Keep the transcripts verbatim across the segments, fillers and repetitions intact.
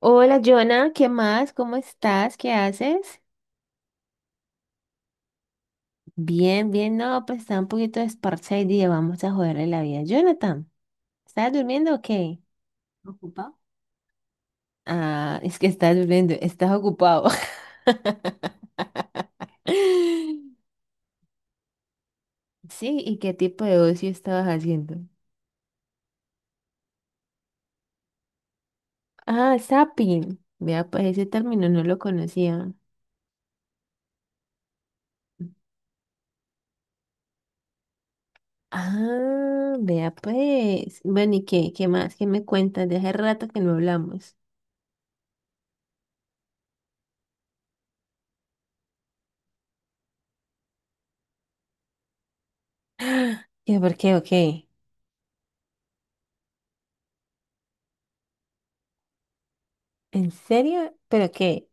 Hola, Jonah, ¿qué más? ¿Cómo estás? ¿Qué haces? Bien, bien, no, pues está un poquito desparchado y dije, vamos a joderle la vida. Jonathan, ¿estás durmiendo o qué? ¿Ocupado? Ah, es que estás durmiendo, estás ocupado. Sí, ¿y qué tipo de ocio estabas haciendo? Ah, zapping. Vea, pues ese término no lo conocía. Ah, vea, pues. Bueno, ¿y qué? ¿Qué más? ¿Qué me cuentas? De hace rato que no hablamos. ¿Qué por qué? ¿O qué? ¿En serio? ¿Pero qué?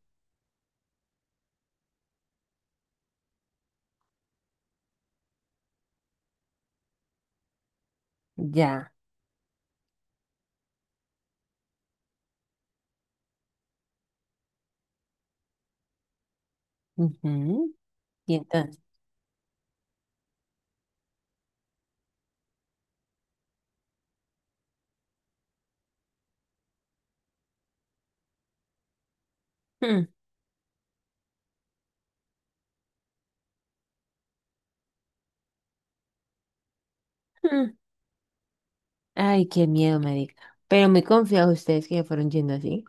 Ya. Ujú. Y entonces. Mm, mm. Ay, qué miedo, marica. Pero muy confiados ustedes que se fueron yendo así.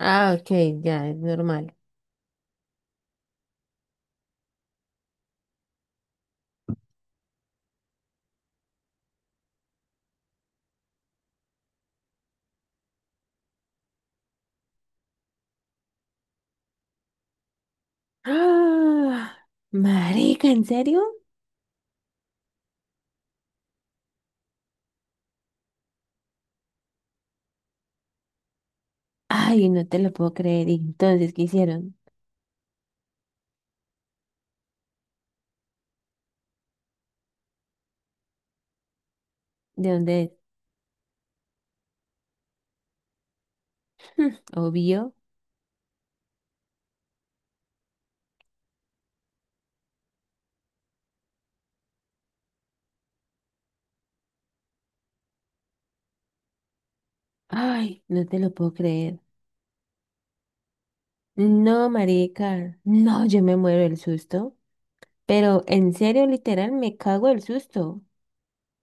Ah, ok, ya, es normal. ¡Ah! Marica, ¿en serio? Ay, no te lo puedo creer. ¿Y entonces qué hicieron? ¿De dónde es? Mm, obvio. Ay, no te lo puedo creer. No, marica. No, yo me muero del susto. Pero en serio, literal, me cago del susto.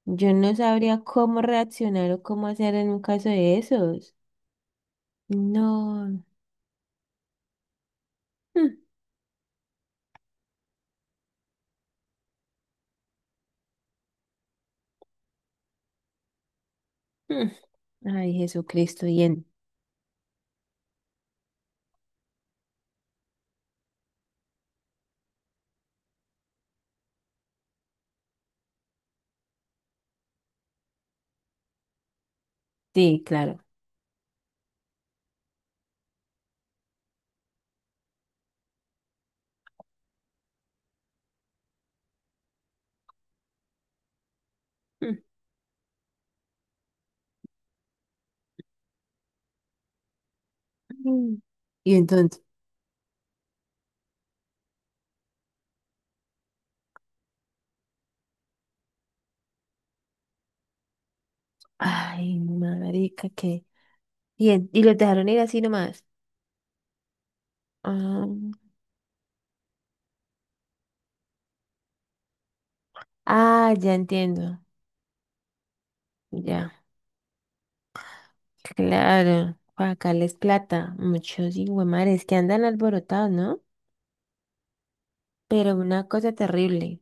Yo no sabría cómo reaccionar o cómo hacer en un caso de esos. No. Mm, mm. Ay, Jesucristo, y en sí, claro. Mm, mm. Y entonces, ay, marica, qué. Bien, y los dejaron ir así nomás. Ah, ah, ya entiendo. Ya, claro. Para sacarles plata. Muchos hijuemares que andan alborotados, ¿no? Pero una cosa terrible.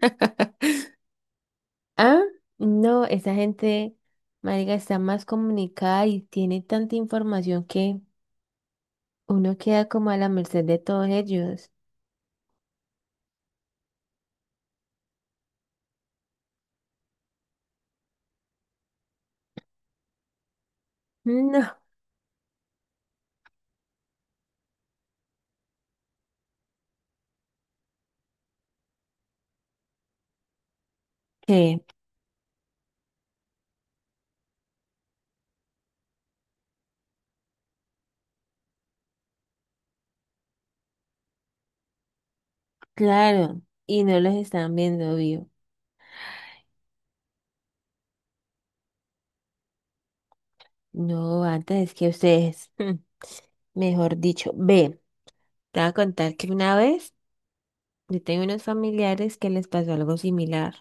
Ah, no, esa gente, marica, está más comunicada y tiene tanta información que uno queda como a la merced de todos ellos. No, que claro, y no los están viendo vivo. No, antes que ustedes, mm, mejor dicho, ve, te voy a contar que una vez yo tengo unos familiares que les pasó algo similar.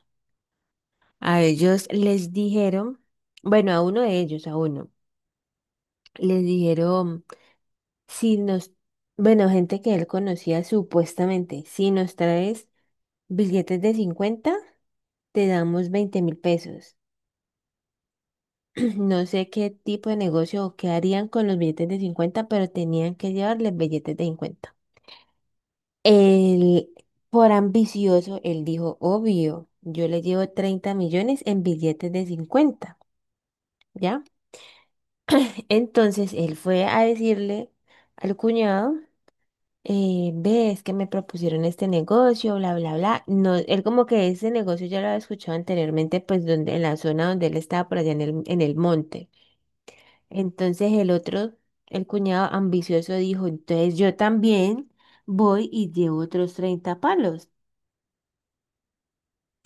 A ellos les dijeron, bueno, a uno de ellos, a uno, les dijeron. Si nos, bueno, gente que él conocía supuestamente, si nos traes billetes de cincuenta te damos veinte mil pesos. No sé qué tipo de negocio o qué harían con los billetes de cincuenta pero tenían que llevarles billetes de cincuenta. Él, por ambicioso, él dijo, obvio, yo le llevo treinta millones en billetes de cincuenta, ¿ya? Entonces él fue a decirle al cuñado eh, ve, que me propusieron este negocio, bla, bla, bla. No, él como que ese negocio ya lo había escuchado anteriormente, pues donde, en la zona donde él estaba, por allá en el, en el monte. Entonces el otro, el cuñado ambicioso dijo, entonces yo también voy y llevo otros treinta palos.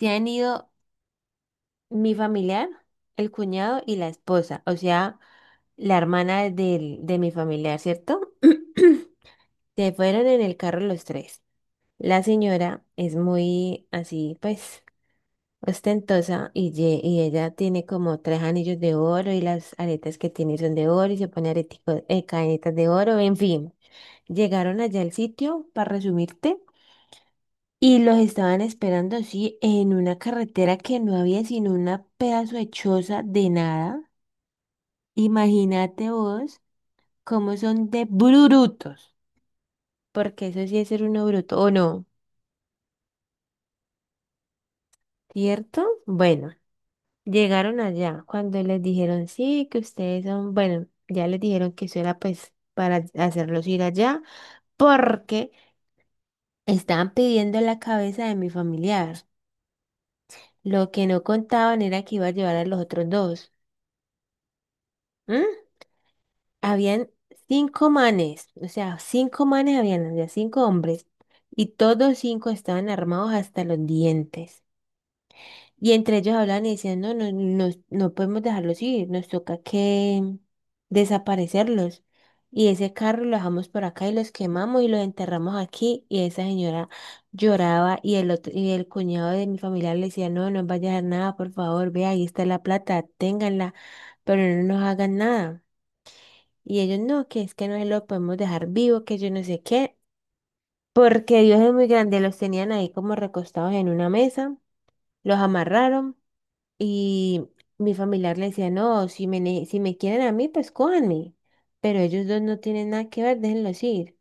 Se han ido mi familiar, el cuñado y la esposa, o sea, la hermana del, de mi familiar, ¿cierto? Se fueron en el carro los tres. La señora es muy así, pues, ostentosa y, ye- y ella tiene como tres anillos de oro y las aretas que tiene son de oro y se pone areticos, eh, cadenitas de oro, en fin. Llegaron allá al sitio, para resumirte, y los estaban esperando así en una carretera que no había sino una pedazo de choza de nada. Imagínate vos cómo son de brutos, porque eso sí es ser uno bruto, ¿o no? ¿Cierto? Bueno. Llegaron allá cuando les dijeron, sí, que ustedes son, bueno, ya les dijeron que eso era pues para hacerlos ir allá, porque estaban pidiendo la cabeza de mi familiar. Lo que no contaban era que iba a llevar a los otros dos. ¿Mm? Habían cinco manes, o sea, cinco manes habían, había cinco hombres, y todos cinco estaban armados hasta los dientes. Y entre ellos hablan y decían, no, no, no, no podemos dejarlos ir, nos toca que desaparecerlos. Y ese carro lo dejamos por acá y los quemamos y los enterramos aquí. Y esa señora lloraba y el otro, y el cuñado de mi familia le decía, no, no vaya a dejar nada, por favor, vea, ahí está la plata, ténganla, pero no nos hagan nada. Y ellos, no, que es que no se lo podemos dejar vivo, que yo no sé qué, porque Dios es muy grande, los tenían ahí como recostados en una mesa, los amarraron. Y mi familiar le decía, no, si me, ne- si me quieren a mí, pues cójanme. Pero ellos dos no tienen nada que ver, déjenlos ir.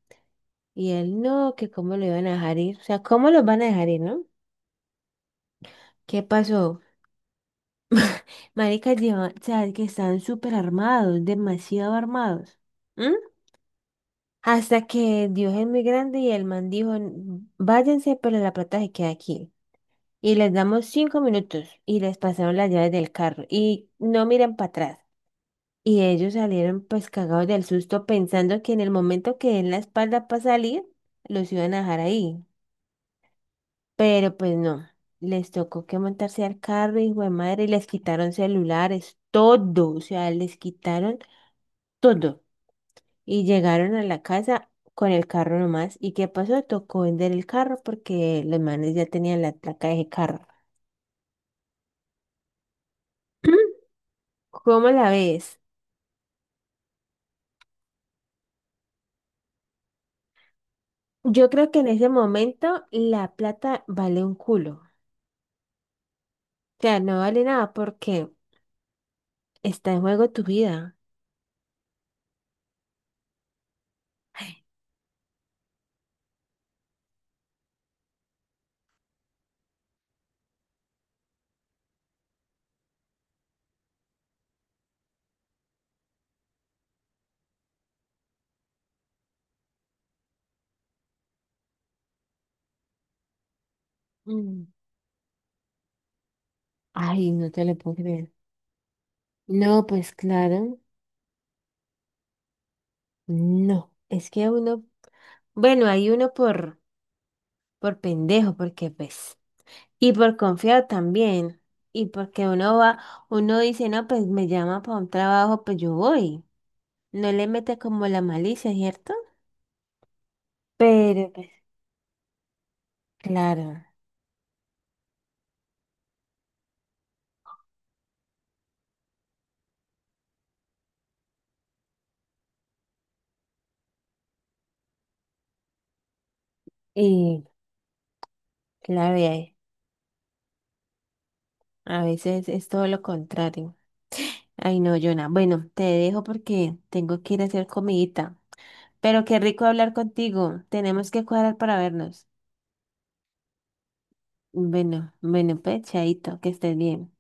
Y él, no, que cómo lo iban a dejar ir. O sea, ¿cómo los van a dejar ir, no? ¿Qué pasó? Maricas llevan, o sea, que están súper armados, demasiado armados. ¿M? Hasta que Dios es muy grande y el man dijo, "N- Váyanse, pero la plata se queda aquí. Y les damos cinco minutos y les pasaron las llaves del carro. Y no miren para atrás. Y ellos salieron pues cagados del susto pensando que en el momento que den la espalda para salir, los iban a dejar ahí. Pero pues no, les tocó que montarse al carro, hijo de madre, y les quitaron celulares, todo, o sea, les quitaron todo. Y llegaron a la casa con el carro nomás. ¿Y qué pasó? Tocó vender el carro porque los manes ya tenían la placa de ese carro. ¿Cómo la ves? Yo creo que en ese momento la plata vale un culo. O sea, no vale nada porque está en juego tu vida. Ay, mm. Ay, no te lo puedo creer. No, pues claro, no. Es que uno, bueno, hay uno por, por pendejo, porque pues, y por confiado también. Y porque uno va, uno dice, no, pues me llama para un trabajo, pues yo voy. No le mete como la malicia, ¿cierto? Pero, pues, claro, y claro, y hay- a veces es todo lo contrario. Ay, no, Jonah. Bueno, te dejo porque tengo que ir a hacer comidita. Pero qué rico hablar contigo. Tenemos que cuadrar para vernos. Bueno, bueno, pues, chaito, que estés bien.